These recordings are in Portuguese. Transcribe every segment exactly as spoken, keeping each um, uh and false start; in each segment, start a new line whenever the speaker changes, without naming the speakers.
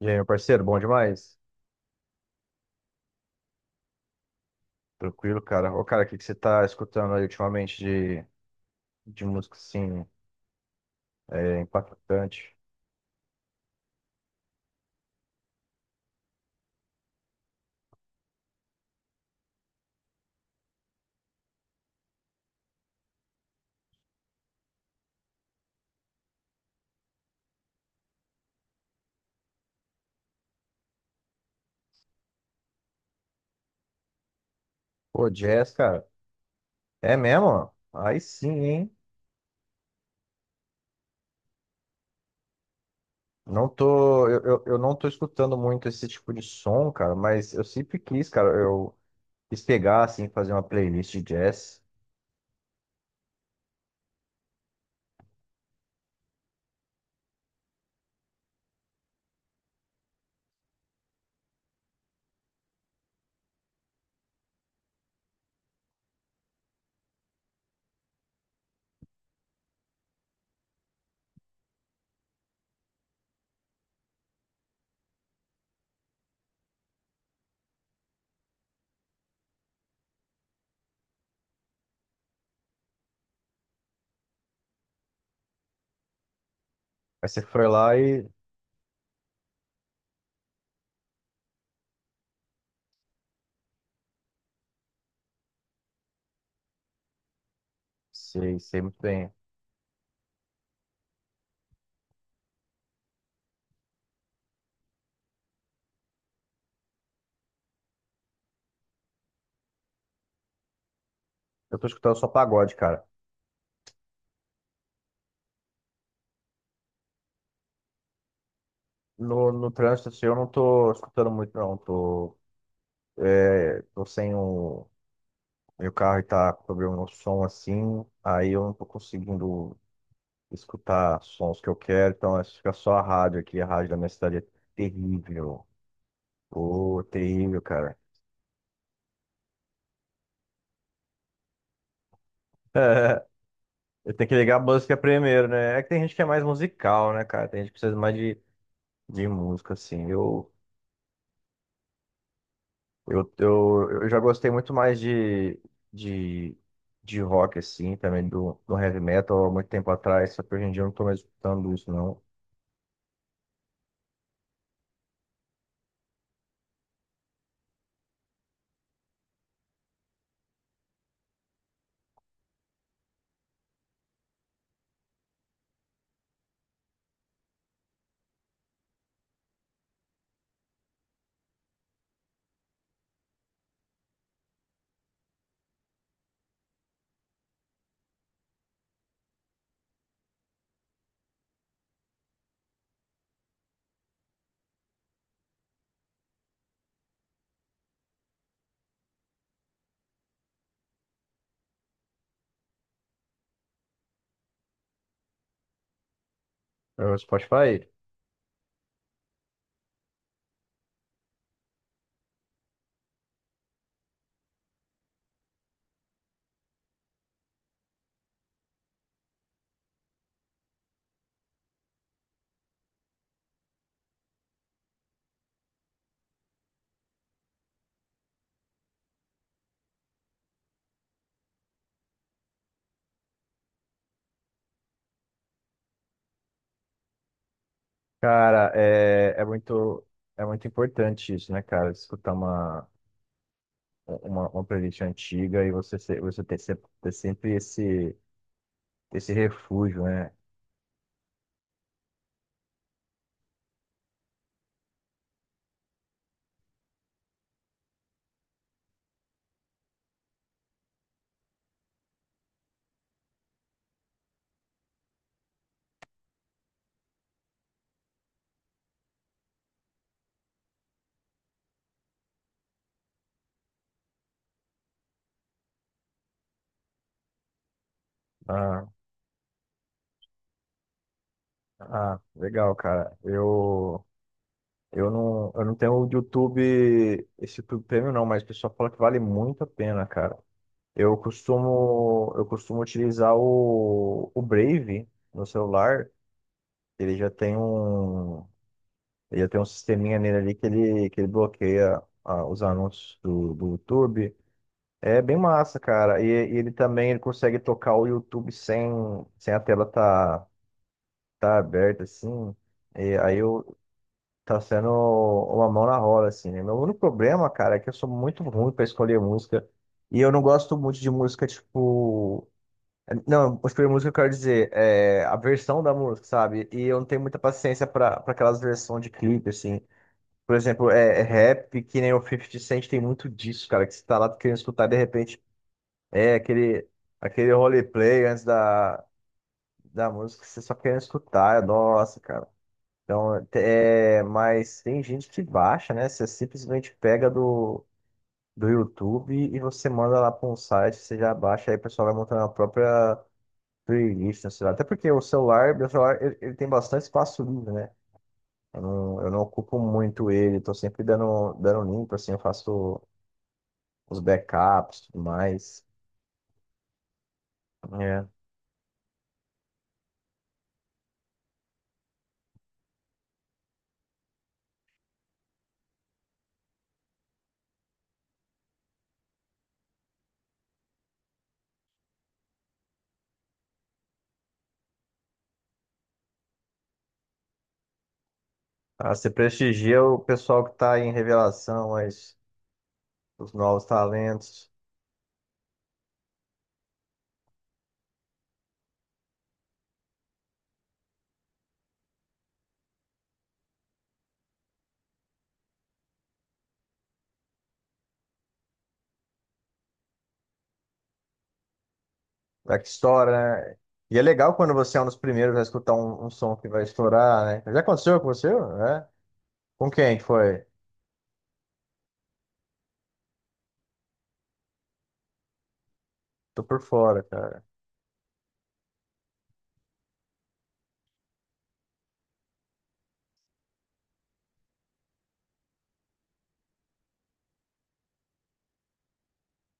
E aí, meu parceiro, bom demais? Tranquilo, cara. Ô, cara, o que que você tá escutando aí ultimamente de, de música, assim, é, impactante? Pô, jazz, cara. É mesmo? Aí sim, hein? Não tô... Eu, eu, eu não tô escutando muito esse tipo de som, cara, mas eu sempre quis, cara. Eu quis pegar, assim, fazer uma playlist de jazz. Aí você foi lá e... Sei, sei muito bem. Eu tô escutando só pagode, cara. No, no trânsito, assim, eu não tô escutando muito, não. Tô, tô sem o Meu carro está com problema no som, assim, aí eu não tô conseguindo escutar sons que eu quero, então acho que fica só a rádio aqui. A rádio da minha cidade é terrível. Ô, terrível, cara. Eu tenho que ligar a música primeiro, né? É que tem gente que é mais musical, né, cara? Tem gente que precisa mais de, de música, assim. Eu, eu, eu, eu já gostei muito mais de, de, de rock, assim, também do, do heavy metal há muito tempo atrás, só que hoje em dia eu não tô mais escutando isso, não. É o Spotify. Cara, é, é muito, é muito importante isso, né, cara? Escutar uma, uma, uma playlist antiga e você, se- você ter, sempre ter sempre esse, esse refúgio, né? Ah, ah, legal, cara. Eu, eu não, eu não tenho o YouTube, esse YouTube Premium, não, mas o pessoal fala que vale muito a pena, cara. Eu costumo, eu costumo utilizar o, o Brave no celular. Ele já tem um. Ele tem um sisteminha nele ali que ele, que ele bloqueia ah, os anúncios do, do YouTube. É bem massa, cara. E, e ele também ele consegue tocar o YouTube sem, sem a tela tá, tá aberta, assim. E aí eu, tá sendo uma mão na roda, assim, né? Meu único problema, cara, é que eu sou muito ruim pra escolher música. E eu não gosto muito de música, tipo. Não, escolher música eu quero dizer, é, a versão da música, sabe? E eu não tenho muita paciência pra, pra aquelas versões de clipe, assim. Por exemplo, é, é rap, que nem o Fifty Cent tem muito disso, cara, que você tá lá querendo escutar, de repente, é aquele, aquele roleplay antes da, da música, que você só querendo escutar, é, nossa, cara. Então, é, mas tem gente que baixa, né? Você simplesmente pega do, do YouTube e você manda lá para um site, você já baixa, aí o pessoal vai montando a própria playlist, né, sei lá. Até porque o celular, meu celular, ele, ele tem bastante espaço livre, né? Eu não, eu não ocupo muito ele, tô sempre dando, dando limpo, assim, eu faço os backups, tudo mais. É. Ah, você prestigia o pessoal que está em revelação, as, os novos talentos, é que estoura, né? E é legal quando você é um dos primeiros a escutar um, um som que vai estourar, né? Já aconteceu com você? É? Com quem que foi? Tô por fora, cara.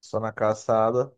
Só na caçada.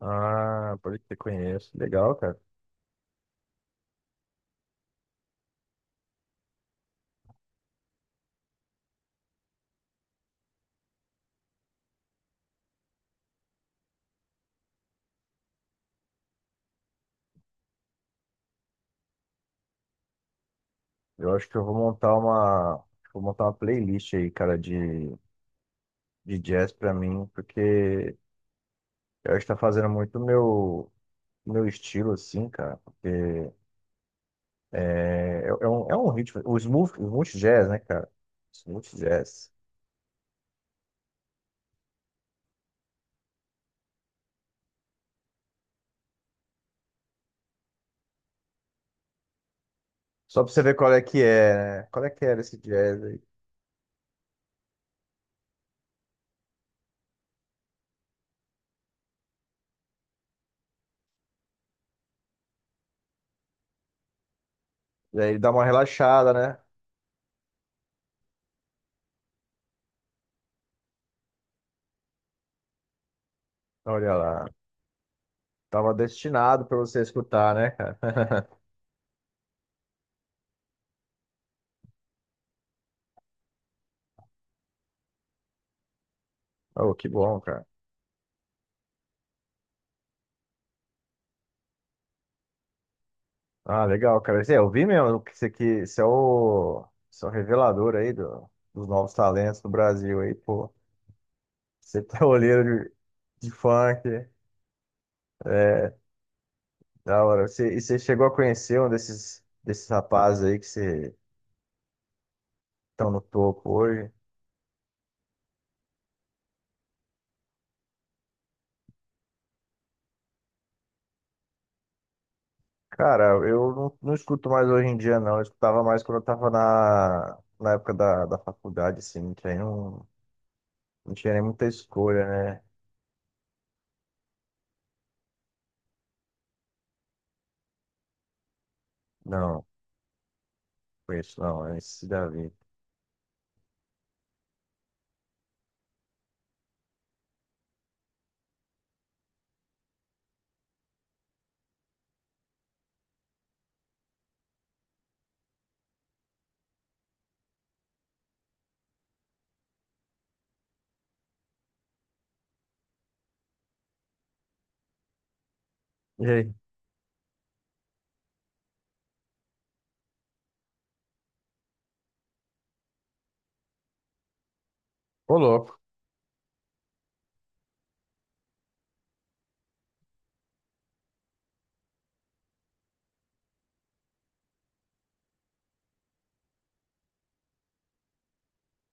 Ah, pode que conheço. Legal, cara. Eu acho que eu vou montar uma, vou montar uma playlist aí, cara, de, de jazz pra mim, porque eu acho que tá fazendo muito o meu meu estilo, assim, cara, porque é, é é um, é um ritmo, o smooth, smooth jazz, né, cara? Smooth jazz. Só pra você ver qual é que é, né? Qual é que era esse jazz aí? E aí dá uma relaxada, né? Então, olha lá, tava destinado pra você escutar, né, cara? Oh, que bom, cara. Ah, legal, cara. Zé, eu vi mesmo que isso aqui, isso é o, isso é o revelador aí do- dos novos talentos do Brasil, aí, pô. Você tá olheiro de, de funk. É. Da hora. Você, e você chegou a conhecer um desses, desses rapazes aí que você estão no topo hoje? Cara, eu não, não escuto mais hoje em dia, não. Eu escutava mais quando eu tava na, na época da, da faculdade, assim. Não tinha, não, não tinha nem muita escolha, né? Não, conheço não. É esse Davi. E aí? Ô, louco.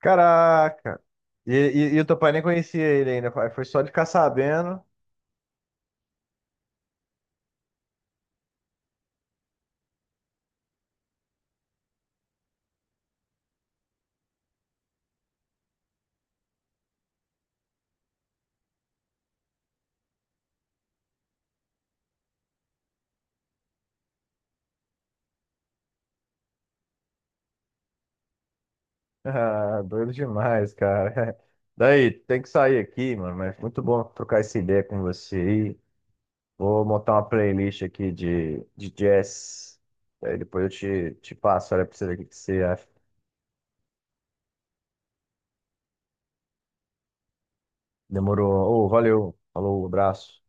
Caraca! E, e, e o teu pai nem conhecia ele ainda. Foi só de ficar sabendo. Ah, doido demais, cara. Daí, tem que sair aqui, mano, mas muito bom trocar essa ideia com você aí. Vou montar uma playlist aqui de, de jazz. Daí depois eu te, te passo, olha pra você ver o que que você acha. Demorou. Ô, valeu. Falou, abraço.